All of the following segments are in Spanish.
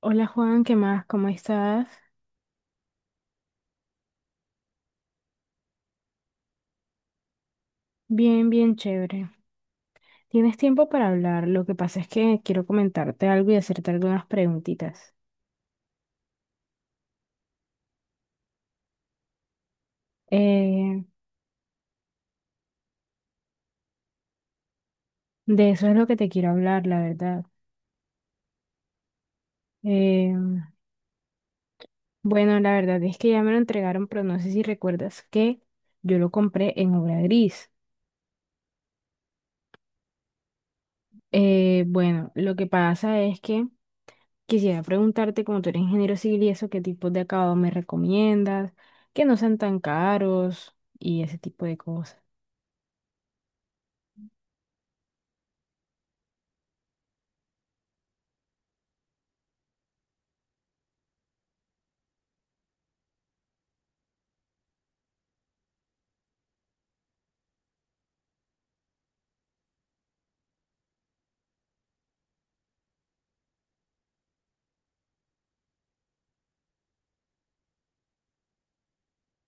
Hola Juan, ¿qué más? ¿Cómo estás? Bien, bien chévere. ¿Tienes tiempo para hablar? Lo que pasa es que quiero comentarte algo y hacerte algunas preguntitas. Eh, de eso es lo que te quiero hablar, la verdad. Eh, bueno, la verdad es que ya me lo entregaron, pero no sé si recuerdas que yo lo compré en obra gris. Bueno, lo que pasa es que quisiera preguntarte, como tú eres ingeniero civil y eso, ¿qué tipos de acabado me recomiendas? Que no sean tan caros y ese tipo de cosas.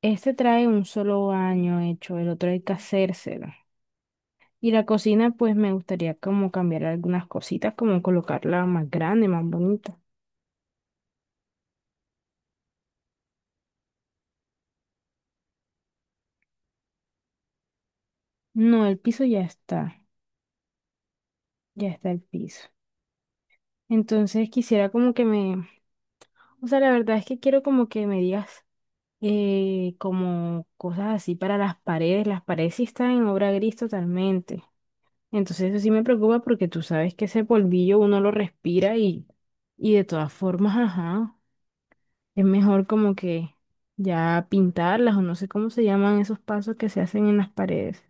Este trae un solo baño hecho, el otro hay que hacérselo. Y la cocina, pues me gustaría como cambiar algunas cositas, como colocarla más grande, más bonita. No, el piso ya está el piso. Entonces quisiera como que me, o sea, la verdad es que quiero como que me digas como cosas así para las paredes. Las paredes sí están en obra gris totalmente. Entonces eso sí me preocupa porque tú sabes que ese polvillo uno lo respira y de todas formas, ajá. Es mejor como que ya pintarlas o no sé cómo se llaman esos pasos que se hacen en las paredes.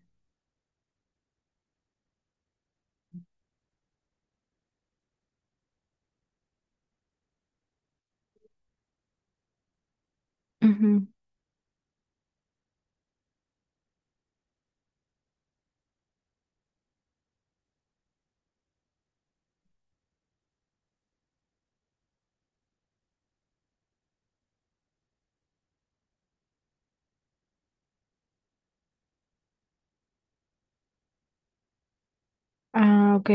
Ujú. Ah, ok.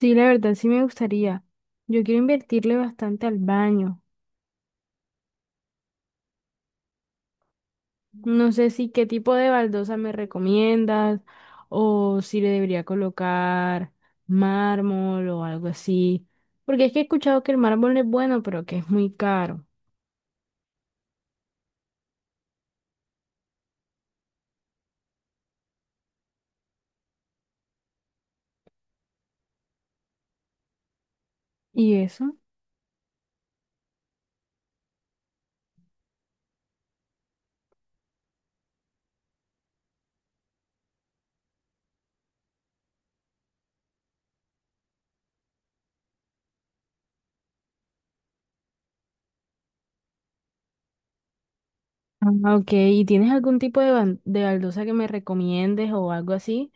Sí, la verdad sí me gustaría. Yo quiero invertirle bastante al baño. No sé si qué tipo de baldosa me recomiendas o si le debería colocar mármol o algo así. Porque es que he escuchado que el mármol es bueno, pero que es muy caro. ¿Y eso? Ah, ok, ¿y tienes algún tipo de, de baldosa que me recomiendes o algo así?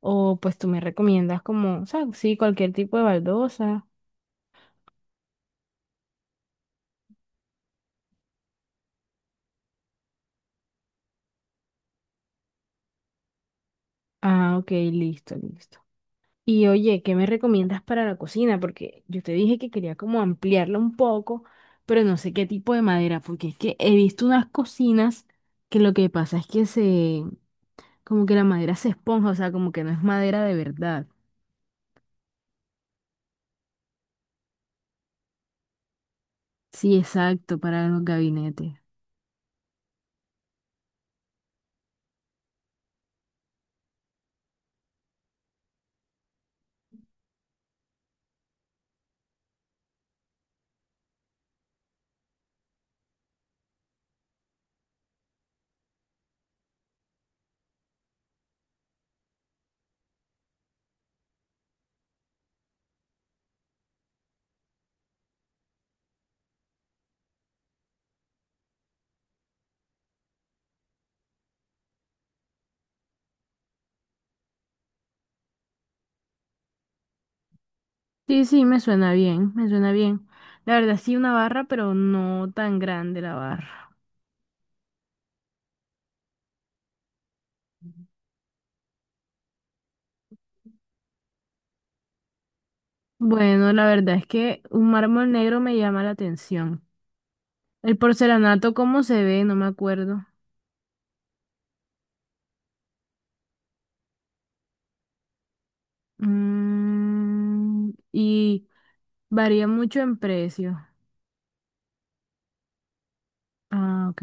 O pues tú me recomiendas como, o sea, sí, cualquier tipo de baldosa. Ah, ok, listo, listo. Y oye, ¿qué me recomiendas para la cocina? Porque yo te dije que quería como ampliarla un poco, pero no sé qué tipo de madera, porque es que he visto unas cocinas que lo que pasa es que se, como que la madera se esponja, o sea, como que no es madera de verdad. Sí, exacto, para los gabinetes. Sí, sí, me suena bien, me suena bien. La verdad sí una barra, pero no tan grande la barra. Bueno, la verdad es que un mármol negro me llama la atención. El porcelanato, ¿cómo se ve? No me acuerdo. Mm, y varía mucho en precio. Ah, ok.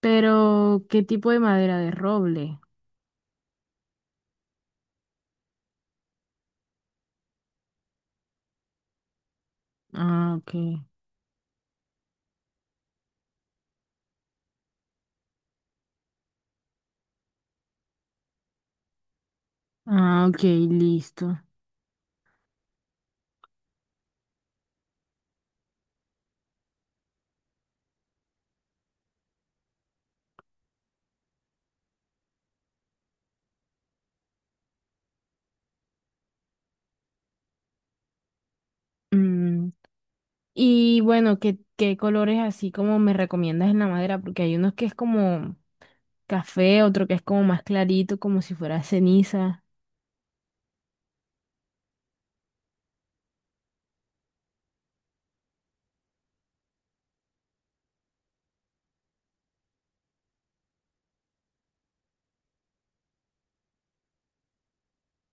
Pero, ¿qué tipo de madera? De roble. Ah, ok. Ah, ok, listo. Mm, y bueno, ¿qué, qué colores así como me recomiendas en la madera? Porque hay unos que es como café, otro que es como más clarito, como si fuera ceniza.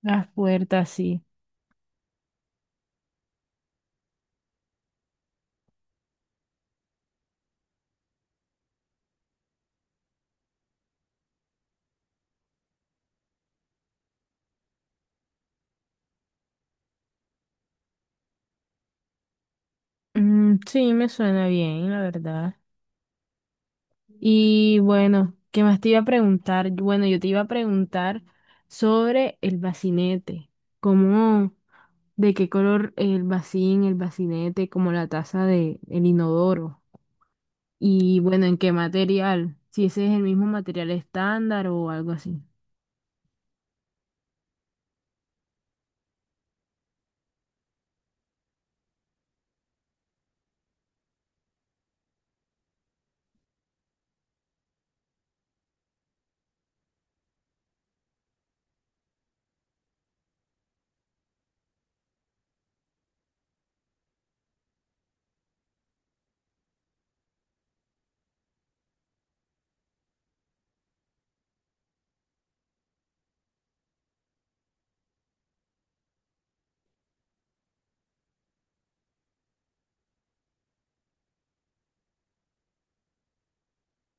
Las puertas, sí. Mm, sí, me suena bien, la verdad. Y bueno, ¿qué más te iba a preguntar? Bueno, yo te iba a preguntar sobre el bacinete. ¿Cómo, de qué color el bacín, el bacinete, como la taza de el inodoro? Y bueno, ¿en qué material? Si ese es el mismo material estándar o algo así.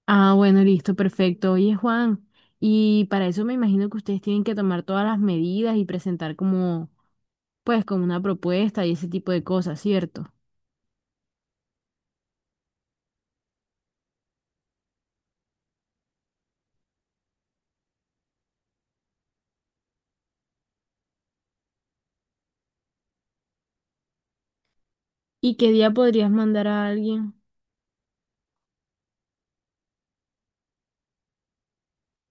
Ah, bueno, listo, perfecto. Oye, Juan, y para eso me imagino que ustedes tienen que tomar todas las medidas y presentar como, pues, como una propuesta y ese tipo de cosas, ¿cierto? ¿Y qué día podrías mandar a alguien?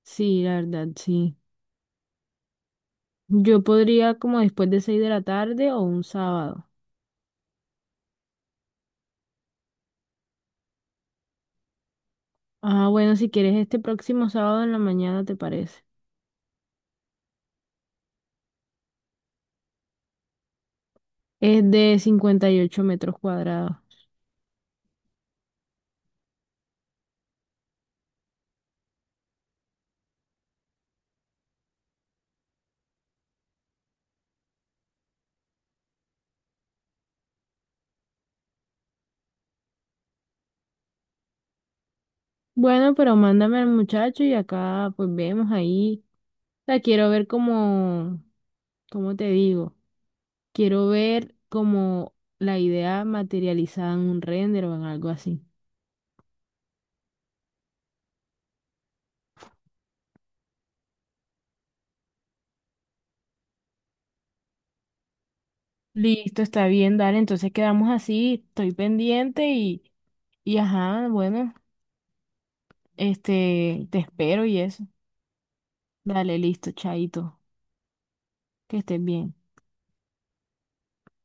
Sí, la verdad, sí. Yo podría como después de 6 de la tarde o un sábado. Ah, bueno, si quieres este próximo sábado en la mañana, ¿te parece? Es de 58 metros cuadrados. Bueno, pero mándame al muchacho y acá pues vemos ahí. La quiero ver como, ¿cómo te digo? Quiero ver como la idea materializada en un render o en algo así. Listo, está bien, dale, entonces quedamos así, estoy pendiente y ajá, bueno, este, te espero y eso. Dale, listo, chaito, que estés bien.